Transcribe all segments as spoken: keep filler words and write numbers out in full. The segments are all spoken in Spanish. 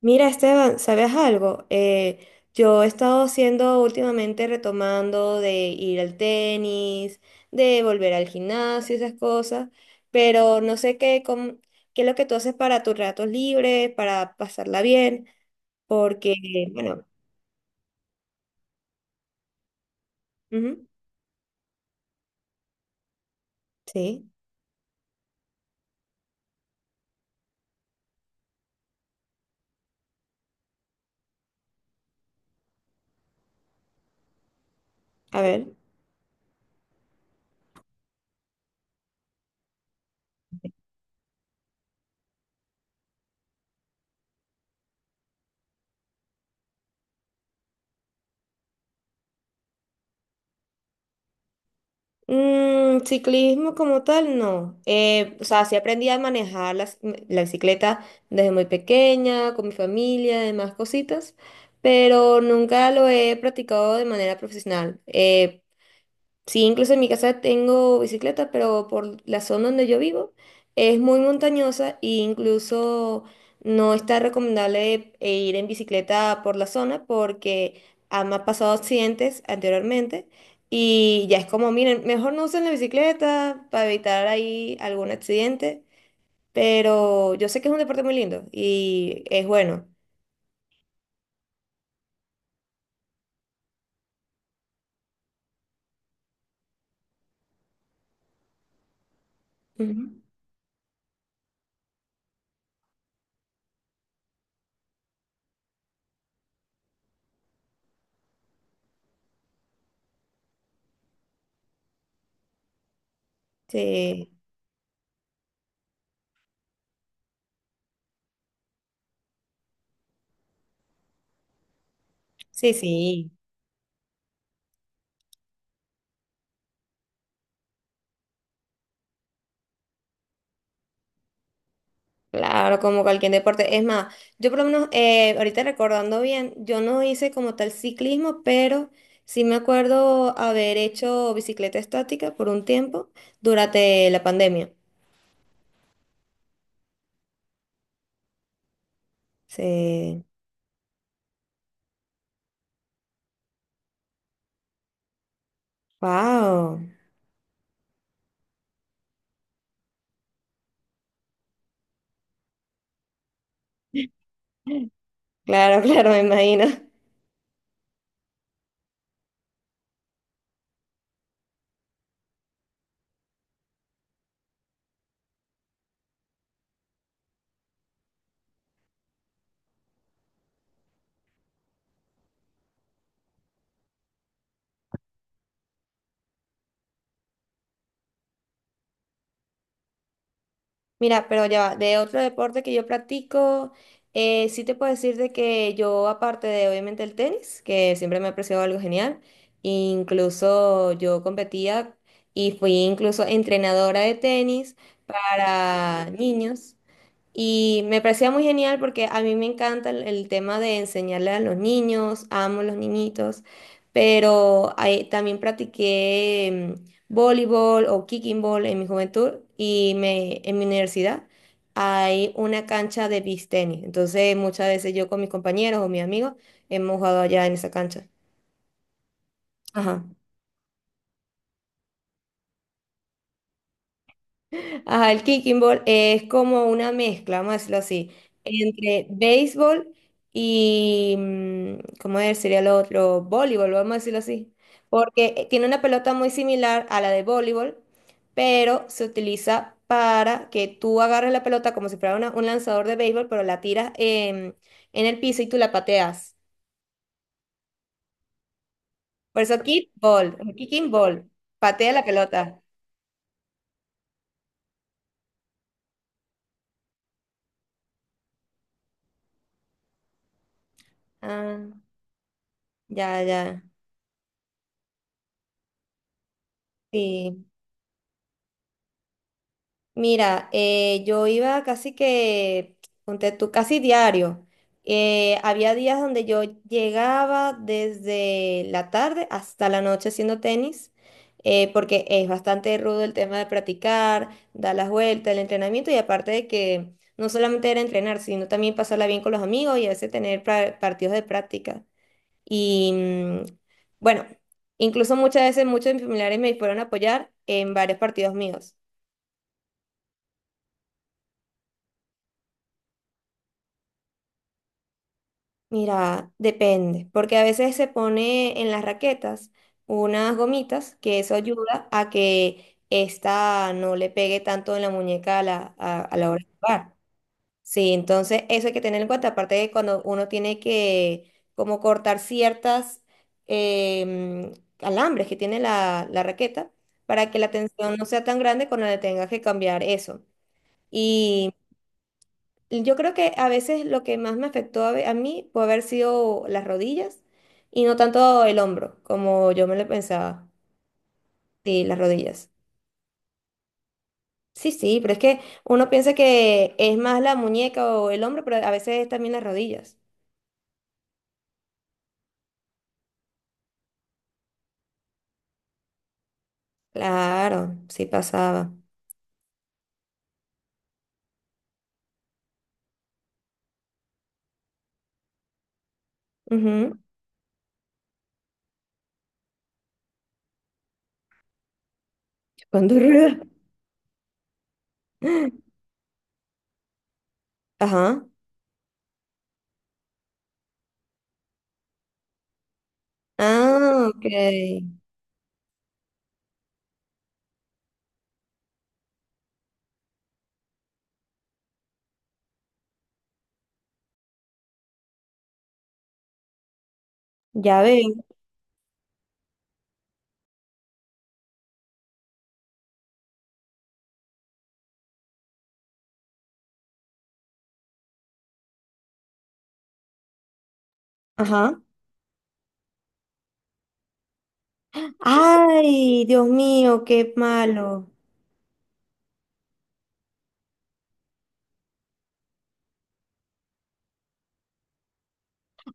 Mira, Esteban, ¿sabes algo? Eh, yo he estado haciendo últimamente retomando de ir al tenis, de volver al gimnasio, esas cosas, pero no sé qué, cómo- qué es lo que tú haces para tus ratos libres, para pasarla bien, porque, bueno, ujú, sí, a ver. Mm, ciclismo como tal, no. Eh, o sea, sí aprendí a manejar las- la, bicicleta desde muy pequeña, con mi familia, demás cositas, pero nunca lo he practicado de manera profesional. Eh, Sí, incluso en mi casa tengo bicicleta, pero por la zona donde yo vivo es muy montañosa e incluso no está recomendable eh, ir en bicicleta por la zona porque ah, me han pasado accidentes anteriormente y ya es como, miren, mejor no usen la bicicleta para evitar ahí algún accidente, pero yo sé que es un deporte muy lindo y es bueno. Ujú. Sí, sí, sí. Claro, como cualquier deporte. Es más, yo por lo menos, eh, ahorita recordando bien, yo no hice como tal ciclismo, pero sí me acuerdo haber hecho bicicleta estática por un tiempo durante la pandemia. Sí. Wow. Claro, claro, me imagino. Mira, pero ya va, de otro deporte que yo practico, eh, sí te puedo decir de que yo, aparte de obviamente el tenis, que siempre me ha parecido algo genial, incluso yo competía y fui incluso entrenadora de tenis para niños. Y me parecía muy genial porque a mí me encanta el, el tema de enseñarle a los niños, amo los niñitos, pero ahí también practiqué mm, voleibol o kicking ball en mi juventud y me, en mi universidad hay una cancha de beach tenis. Entonces muchas veces yo con mis compañeros o mis amigos hemos jugado allá en esa cancha. Ajá. Ajá, el kicking ball es como una mezcla, vamos a decirlo así, entre béisbol y, mm, ¿cómo es? ¿Sería lo otro? Voleibol, vamos a decirlo así, porque eh, tiene una pelota muy similar a la de voleibol, pero se utiliza para que tú agarres la pelota como si fuera una- un lanzador de béisbol, pero la tiras en, en el piso y tú la pateas. Por eso kickball, kicking ball, patea la pelota. Ah, ya, ya, sí. Mira, eh, yo iba casi que, ponte tú, casi diario. Eh, había días donde yo llegaba desde la tarde hasta la noche haciendo tenis, eh, porque es bastante rudo el tema de practicar, dar las vueltas, el entrenamiento y aparte de que no solamente era entrenar, sino también pasarla bien con los amigos y a veces tener pra- partidos de práctica. Y mm, bueno, incluso muchas veces muchos de mis familiares me fueron a apoyar en varios partidos míos. Mira, depende, porque a veces se pone en las raquetas unas gomitas que eso ayuda a que esta no le pegue tanto en la muñeca a la, a, a la hora de jugar. Sí, entonces eso hay que tener en cuenta, aparte de cuando uno tiene que como cortar ciertas em, alambres que tiene la, la raqueta para que la tensión no sea tan grande cuando le tengas que cambiar eso. Yo creo que a veces lo que más me afectó a, ve- a mí puede haber sido las rodillas y no tanto el hombro, como yo me lo pensaba. Sí, las rodillas. Sí, sí, pero es que uno piensa que es más la muñeca o el hombro, pero a veces es también las rodillas. Claro, sí pasaba. Ujú. Cuando rueda. Ajá. Ah, ok. Ya veo. Ajá. Ay, Dios mío, qué malo.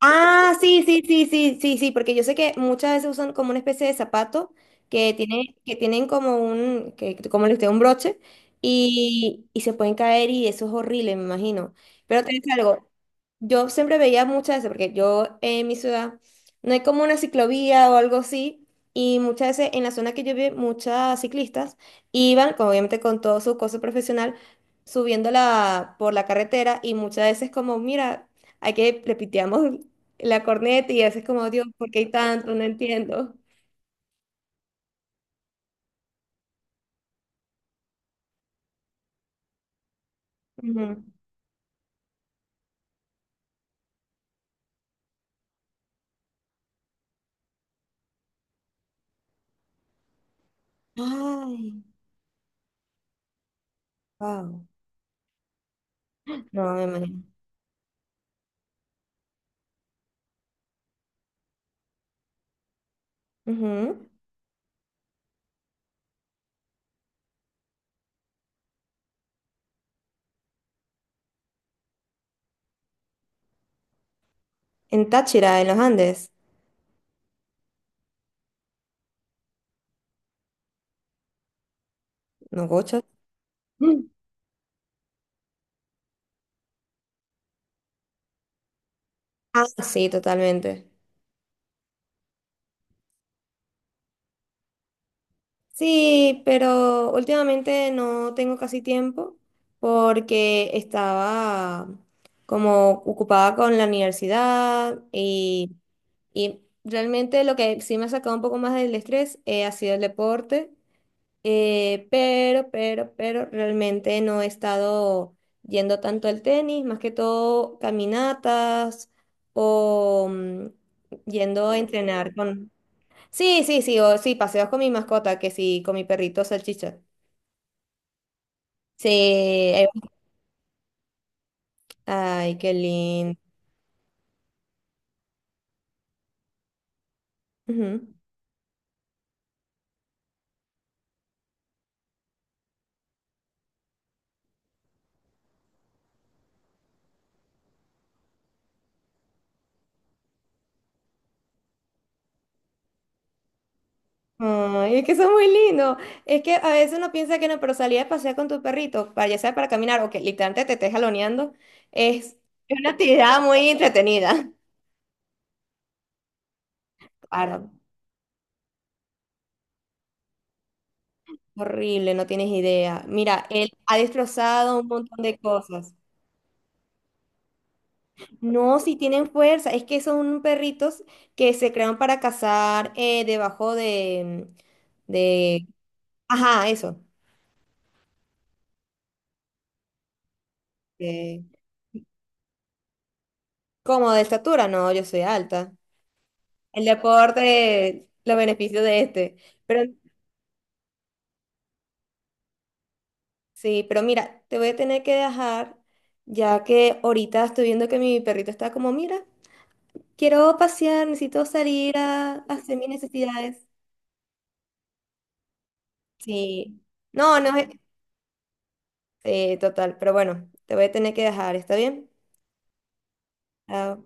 Ah, sí, sí, sí, sí, sí, sí, porque yo sé que muchas veces usan como una especie de zapato que tiene, que tienen como un, que, como les digo, un broche y, y se pueden caer y eso es horrible, me imagino. Pero te digo algo, yo siempre veía muchas veces, porque yo en mi ciudad no hay como una ciclovía o algo así, y muchas veces en la zona que yo vi, muchas ciclistas iban, como obviamente con todo su coso profesional, subiéndola por la carretera y muchas veces como, mira, hay que, le piteamos la corneta y haces como, Dios, ¿por qué hay tanto? No entiendo. Ujú. Ay, wow. No, me imagino. Ujú. En Táchira, en los Andes, no gochas. Mm. Ah, sí, totalmente. Sí, pero últimamente no tengo casi tiempo porque estaba como ocupada con la universidad y, y realmente lo que sí me ha sacado un poco más del estrés eh, ha sido el deporte. Eh, pero, pero, pero realmente no he estado yendo tanto al tenis, más que todo caminatas o mm, yendo a entrenar con... Sí, sí, sí, o sí, paseos con mi mascota, que sí, con mi perrito salchicha. Sí, eh, ay, qué lindo. Ujú. Ay, es que son muy lindos. Es que a veces uno piensa que no, pero salir a pasear con tu perrito, para, ya sea para caminar o que literalmente te estés jaloneando, es es una actividad muy entretenida. Claro. Horrible, no tienes idea. Mira, él ha destrozado un montón de cosas. No, si tienen fuerza, es que son perritos que se crean para cazar eh, debajo de, de... Ajá, eso. Eh, como de estatura, no, yo soy alta. El deporte, los beneficios de este. Pero sí, pero mira, te voy a tener que dejar, ya que ahorita estoy viendo que mi perrito está como, mira, quiero pasear, necesito salir a a hacer mis necesidades. Sí. No, no es... Sí, total. Pero bueno, te voy a tener que dejar. ¿Está bien? Chao.